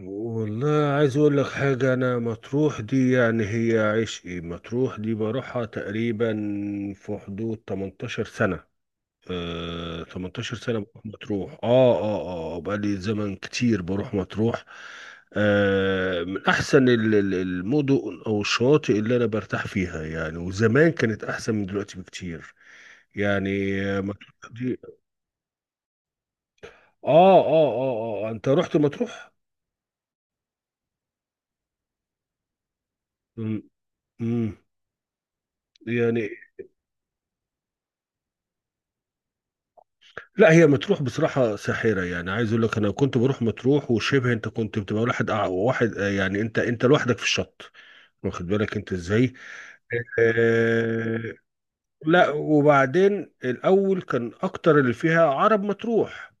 والله، عايز اقول لك حاجة. انا مطروح دي، يعني هي عشقي. مطروح دي بروحها تقريبا في حدود 18 سنة. 18 سنة بروح مطروح. اه اه بقالي زمن كتير بروح مطروح. من احسن المدن او الشواطئ اللي انا برتاح فيها يعني، وزمان كانت احسن من دلوقتي بكتير. يعني مطروح دي. اه انت رحت مطروح؟ امم، يعني لا، هي مطروح بصراحة ساحرة، يعني عايز اقول لك انا كنت بروح مطروح، وشبه انت كنت بتبقى واحد واحد، يعني انت لوحدك في الشط. واخد بالك انت ازاي؟ آه لا، وبعدين الاول كان اكتر اللي فيها عرب مطروح،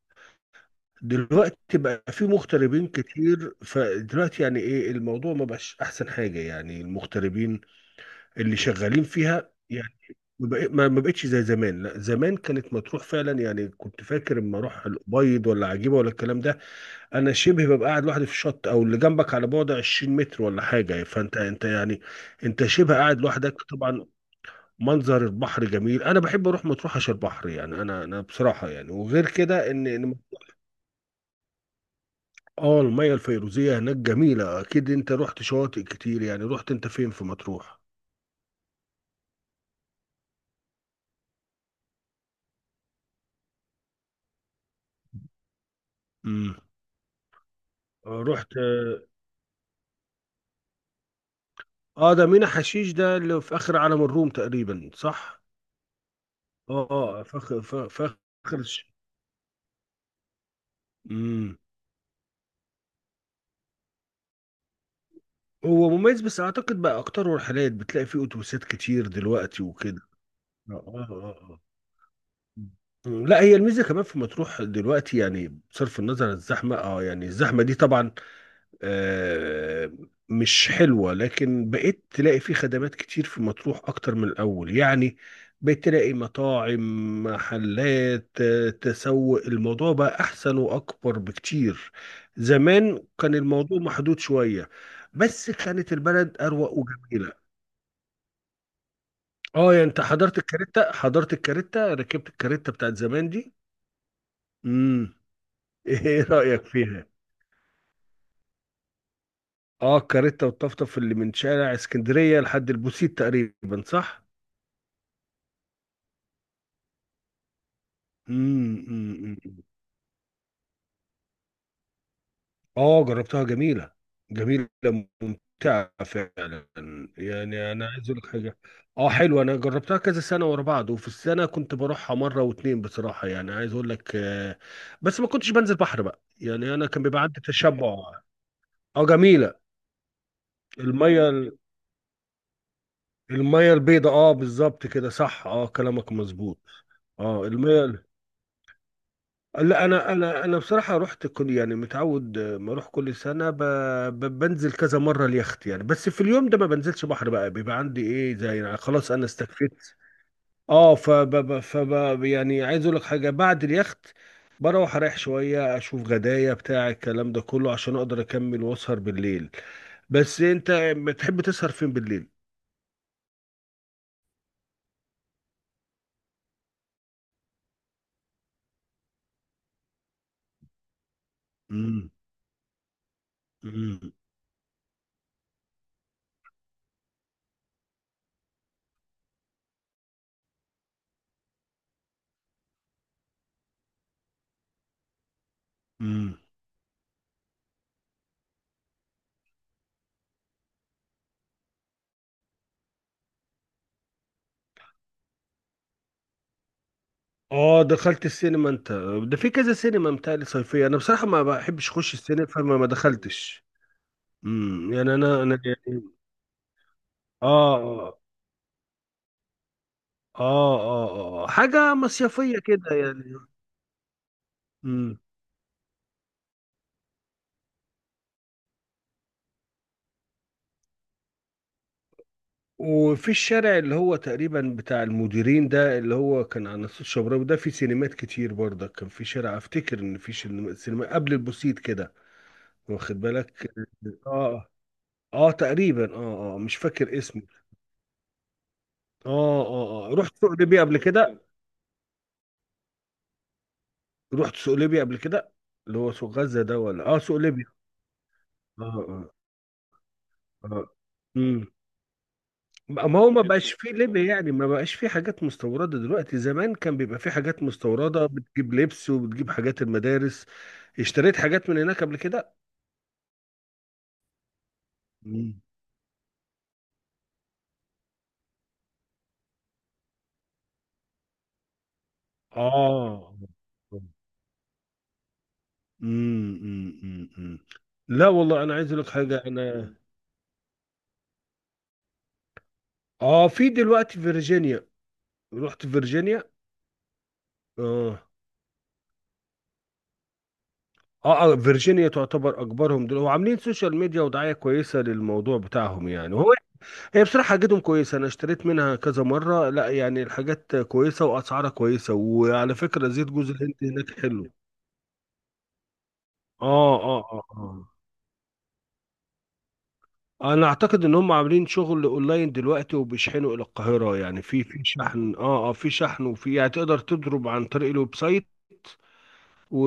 دلوقتي بقى في مغتربين كتير، فدلوقتي يعني ايه الموضوع، ما بقاش احسن حاجة يعني المغتربين اللي شغالين فيها يعني. ما بق- ما- ما بقتش زي زمان. لا، زمان كانت مطروح فعلا، يعني كنت فاكر اما اروح الابيض ولا عجيبه ولا الكلام ده. انا شبه ببقى قاعد لوحدي في الشط، او اللي جنبك على بعد 20 متر ولا حاجه، فانت انت يعني انت شبه قاعد لوحدك طبعا. منظر البحر جميل، انا بحب اروح مطروح عشان البحر، يعني انا بصراحه يعني، وغير كده ان اه، الميه الفيروزيه هناك جميله. اكيد انت رحت شواطئ كتير، يعني رحت انت فين في مطروح؟ امم، رحت. اه، ده مينا حشيش ده اللي في اخر عالم الروم تقريبا، صح؟ اه اه، فخر فخر. امم، هو مميز، بس اعتقد بقى اكتر رحلات بتلاقي فيه اتوبيسات كتير دلوقتي وكده. اه اه اه آه. لا، هي الميزه كمان في مطروح دلوقتي، يعني بصرف النظر عن الزحمه، اه يعني الزحمه دي طبعا آه، مش حلوة، لكن بقيت تلاقي في خدمات كتير في مطروح أكتر من الأول يعني. بقيت تلاقي مطاعم، محلات، تسوق، الموضوع بقى أحسن وأكبر بكتير. زمان كان الموضوع محدود شوية، بس كانت البلد أروق وجميلة. اه يعني انت حضرت الكاريتا، ركبت الكاريتا بتاعت زمان دي. امم. ايه رأيك فيها؟ اه الكاريتا والطفطف اللي من شارع اسكندرية لحد البوسيت تقريبا، صح؟ امم، أمم، أمم. اه جربتها، جميله، جميله، ممتعه فعلا. يعني انا عايز اقول لك حاجه، اه حلوه، انا جربتها كذا سنه ورا بعض، وفي السنه كنت بروحها مره واتنين، بصراحه يعني عايز اقول لك. بس ما كنتش بنزل بحر بقى، يعني انا كان بيبقى عندي تشبع. اه، جميله الميه، الميه البيضاء، اه بالظبط كده صح، اه كلامك مظبوط. اه الميه. لا، انا بصراحه رحت كل، يعني متعود، ما اروح كل سنه بنزل كذا مره اليخت يعني، بس في اليوم ده ما بنزلش بحر بقى، بيبقى عندي ايه زي، يعني خلاص انا استكفيت. اه يعني عايز اقول لك حاجه، بعد اليخت بروح اريح شويه، اشوف غدايا بتاع الكلام ده كله، عشان اقدر اكمل واسهر بالليل. بس انت بتحب تسهر فين بالليل؟ امم، امم. اه دخلت السينما انت؟ ده في كذا سينما متهيألي صيفية، انا بصراحة ما بحبش اخش السينما، فما ما دخلتش. امم، يعني انا انا يعني اه اه اه اه آه. حاجة مصيفية كده يعني. امم. وفي الشارع اللي هو تقريبا بتاع المديرين ده، اللي هو كان على ناصية الشبراوي ده، في سينمات كتير برضك. كان في شارع، افتكر ان في سينما قبل البوسيت كده، واخد بالك. اه اه تقريبا، اه اه، مش فاكر اسمه. اه رحت سوق ليبيا قبل كده؟ رحت سوق ليبيا قبل كده، اللي هو سوق غزة ده، ولا اه سوق ليبيا؟ اه اه اه امم. ما هو ما بقاش فيه ليبيا يعني، ما بقاش فيه حاجات مستوردة دلوقتي. زمان كان بيبقى فيه حاجات مستوردة، بتجيب لبس وبتجيب حاجات المدارس. اشتريت حاجات من هناك قبل كده؟ مم. اه امم، امم، امم، أمم. لا والله، انا عايز اقول لك حاجة، انا اه في دلوقتي فيرجينيا. رحت فيرجينيا؟ اه اه فيرجينيا تعتبر اكبرهم دول، هو عاملين سوشيال ميديا ودعايه كويسه للموضوع بتاعهم يعني. وهو، هي بصراحه حاجتهم كويسه، انا اشتريت منها كذا مره، لا يعني الحاجات كويسه واسعارها كويسه، وعلى فكره زيت جوز الهند هناك حلو. اه اه اه اه انا اعتقد ان هم عاملين شغل اونلاين دلوقتي، وبيشحنوا الى القاهره يعني. في شحن، في شحن، وفي يعني تقدر تضرب عن طريق الويب سايت، و...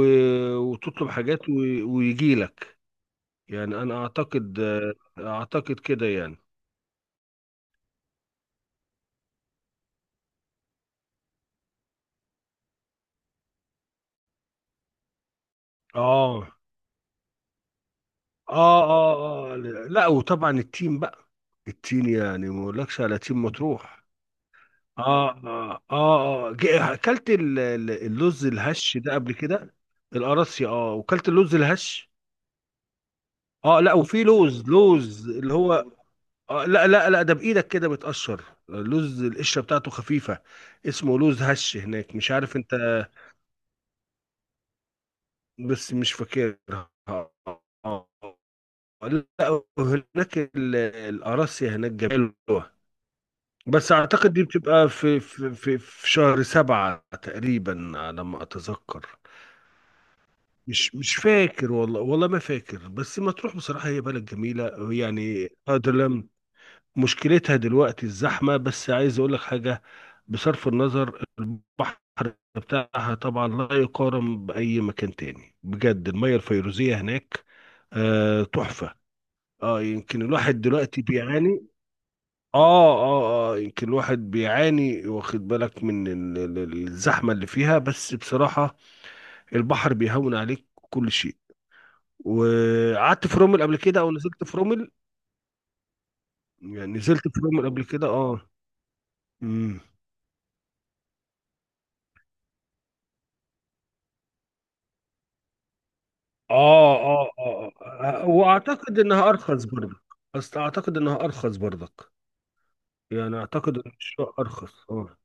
وتطلب حاجات، و... ويجي لك. يعني انا اعتقد، اعتقد كده يعني. اه اه اه اه لا وطبعا التيم بقى، التيم، يعني ما اقولكش على تيم مطروح. اه اكلت اللوز الهش ده قبل كده؟ القراصي، اه، وكلت اللوز الهش. اه، لا، وفي لوز، اللي هو، آه، لا لا لا، ده بايدك كده بتقشر، لوز القشره بتاعته خفيفه، اسمه لوز هش هناك، مش عارف انت. بس مش فاكرها اه، آه، لا هناك القراصي هناك جميل. بس اعتقد دي بتبقى في شهر سبعة تقريبا على ما اتذكر. مش مش فاكر والله، والله ما فاكر، بس مطروح بصراحة هي بلد جميلة يعني أدلم. مشكلتها دلوقتي الزحمة، بس عايز اقول لك حاجة، بصرف النظر البحر بتاعها طبعا لا يقارن بأي مكان تاني بجد، المية الفيروزية هناك تحفة. اه، يمكن الواحد دلوقتي بيعاني، اه يمكن الواحد بيعاني، واخد بالك، من الزحمة اللي فيها، بس بصراحة البحر بيهون عليك كل شيء. وقعدت في رومل قبل كده، او نزلت في رومل؟ يعني نزلت في رومل قبل كده اه. امم. اه اه اه آه. واعتقد انها ارخص برضك، اصل اعتقد انها ارخص برضك، يعني اعتقد ان الشقة ارخص اه،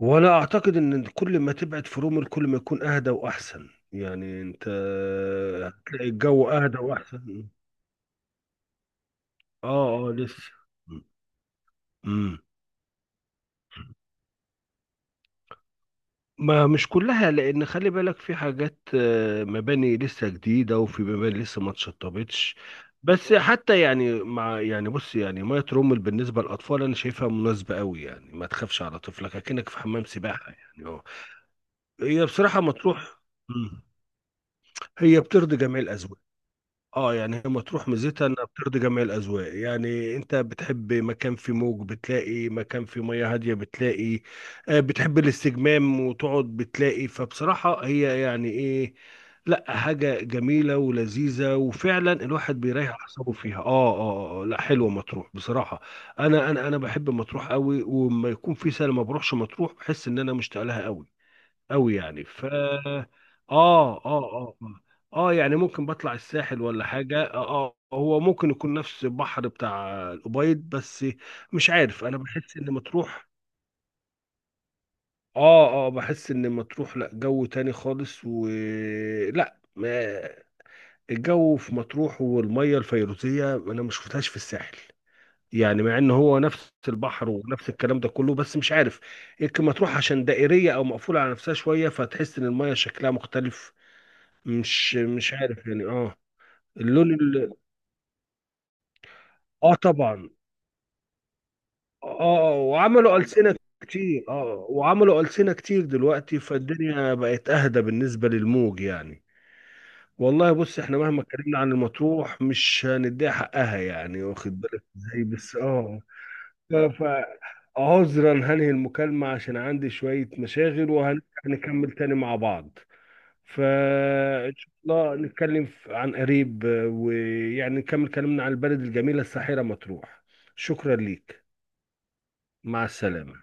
وانا اعتقد ان كل ما تبعد في رومل كل ما يكون اهدى واحسن يعني انت، هتلاقي الجو اهدى واحسن. اه لسه. امم. ما مش كلها، لان خلي بالك في حاجات، مباني لسه جديده، وفي مباني لسه ما اتشطبتش. بس حتى يعني، مع يعني، بص يعني، ميه رومل بالنسبه للاطفال انا شايفها مناسبه قوي يعني، ما تخافش على طفلك اكنك في حمام سباحه يعني اه. هي بصراحه مطروح، مم، هي بترضي جميع الاذواق. اه يعني هي مطروح ميزتها انها بترضي جميع الاذواق، يعني انت بتحب مكان فيه موج بتلاقي، مكان فيه مياه هاديه بتلاقي، بتحب الاستجمام وتقعد بتلاقي. فبصراحه هي يعني ايه، لا حاجه جميله ولذيذه، وفعلا الواحد بيريح اعصابه فيها اه. اه لا حلوه مطروح بصراحه. انا بحب مطروح قوي، ولما يكون في سنه ما بروحش مطروح بحس ان انا مشتاق لها قوي قوي، يعني ف اه اه اه يعني ممكن بطلع الساحل ولا حاجة اه، هو ممكن يكون نفس البحر بتاع الأبيض بس مش عارف، انا بحس ان مطروح، اه بحس ان مطروح لا، جو تاني خالص. و، لا ما، الجو في مطروح والمية الفيروزية انا ما شفتهاش في الساحل، يعني مع ان هو نفس البحر ونفس الكلام ده كله، بس مش عارف، يمكن مطروح عشان دائرية او مقفولة على نفسها شوية فتحس ان المية شكلها مختلف. مش مش عارف يعني اه. اللون ال... اه طبعا، اه وعملوا ألسنة كتير، دلوقتي فالدنيا بقت أهدى بالنسبة للموج يعني. والله بص، احنا مهما اتكلمنا عن المطروح مش هنديها حقها، يعني واخد بالك ازاي، بس اه. ف- فعذرا هنهي المكالمة عشان عندي شوية مشاغل، وهنكمل تاني مع بعض. فإن شاء الله نتكلم عن قريب، ويعني نكمل كلامنا عن البلد الجميلة الساحرة مطروح. شكرا ليك. مع السلامة.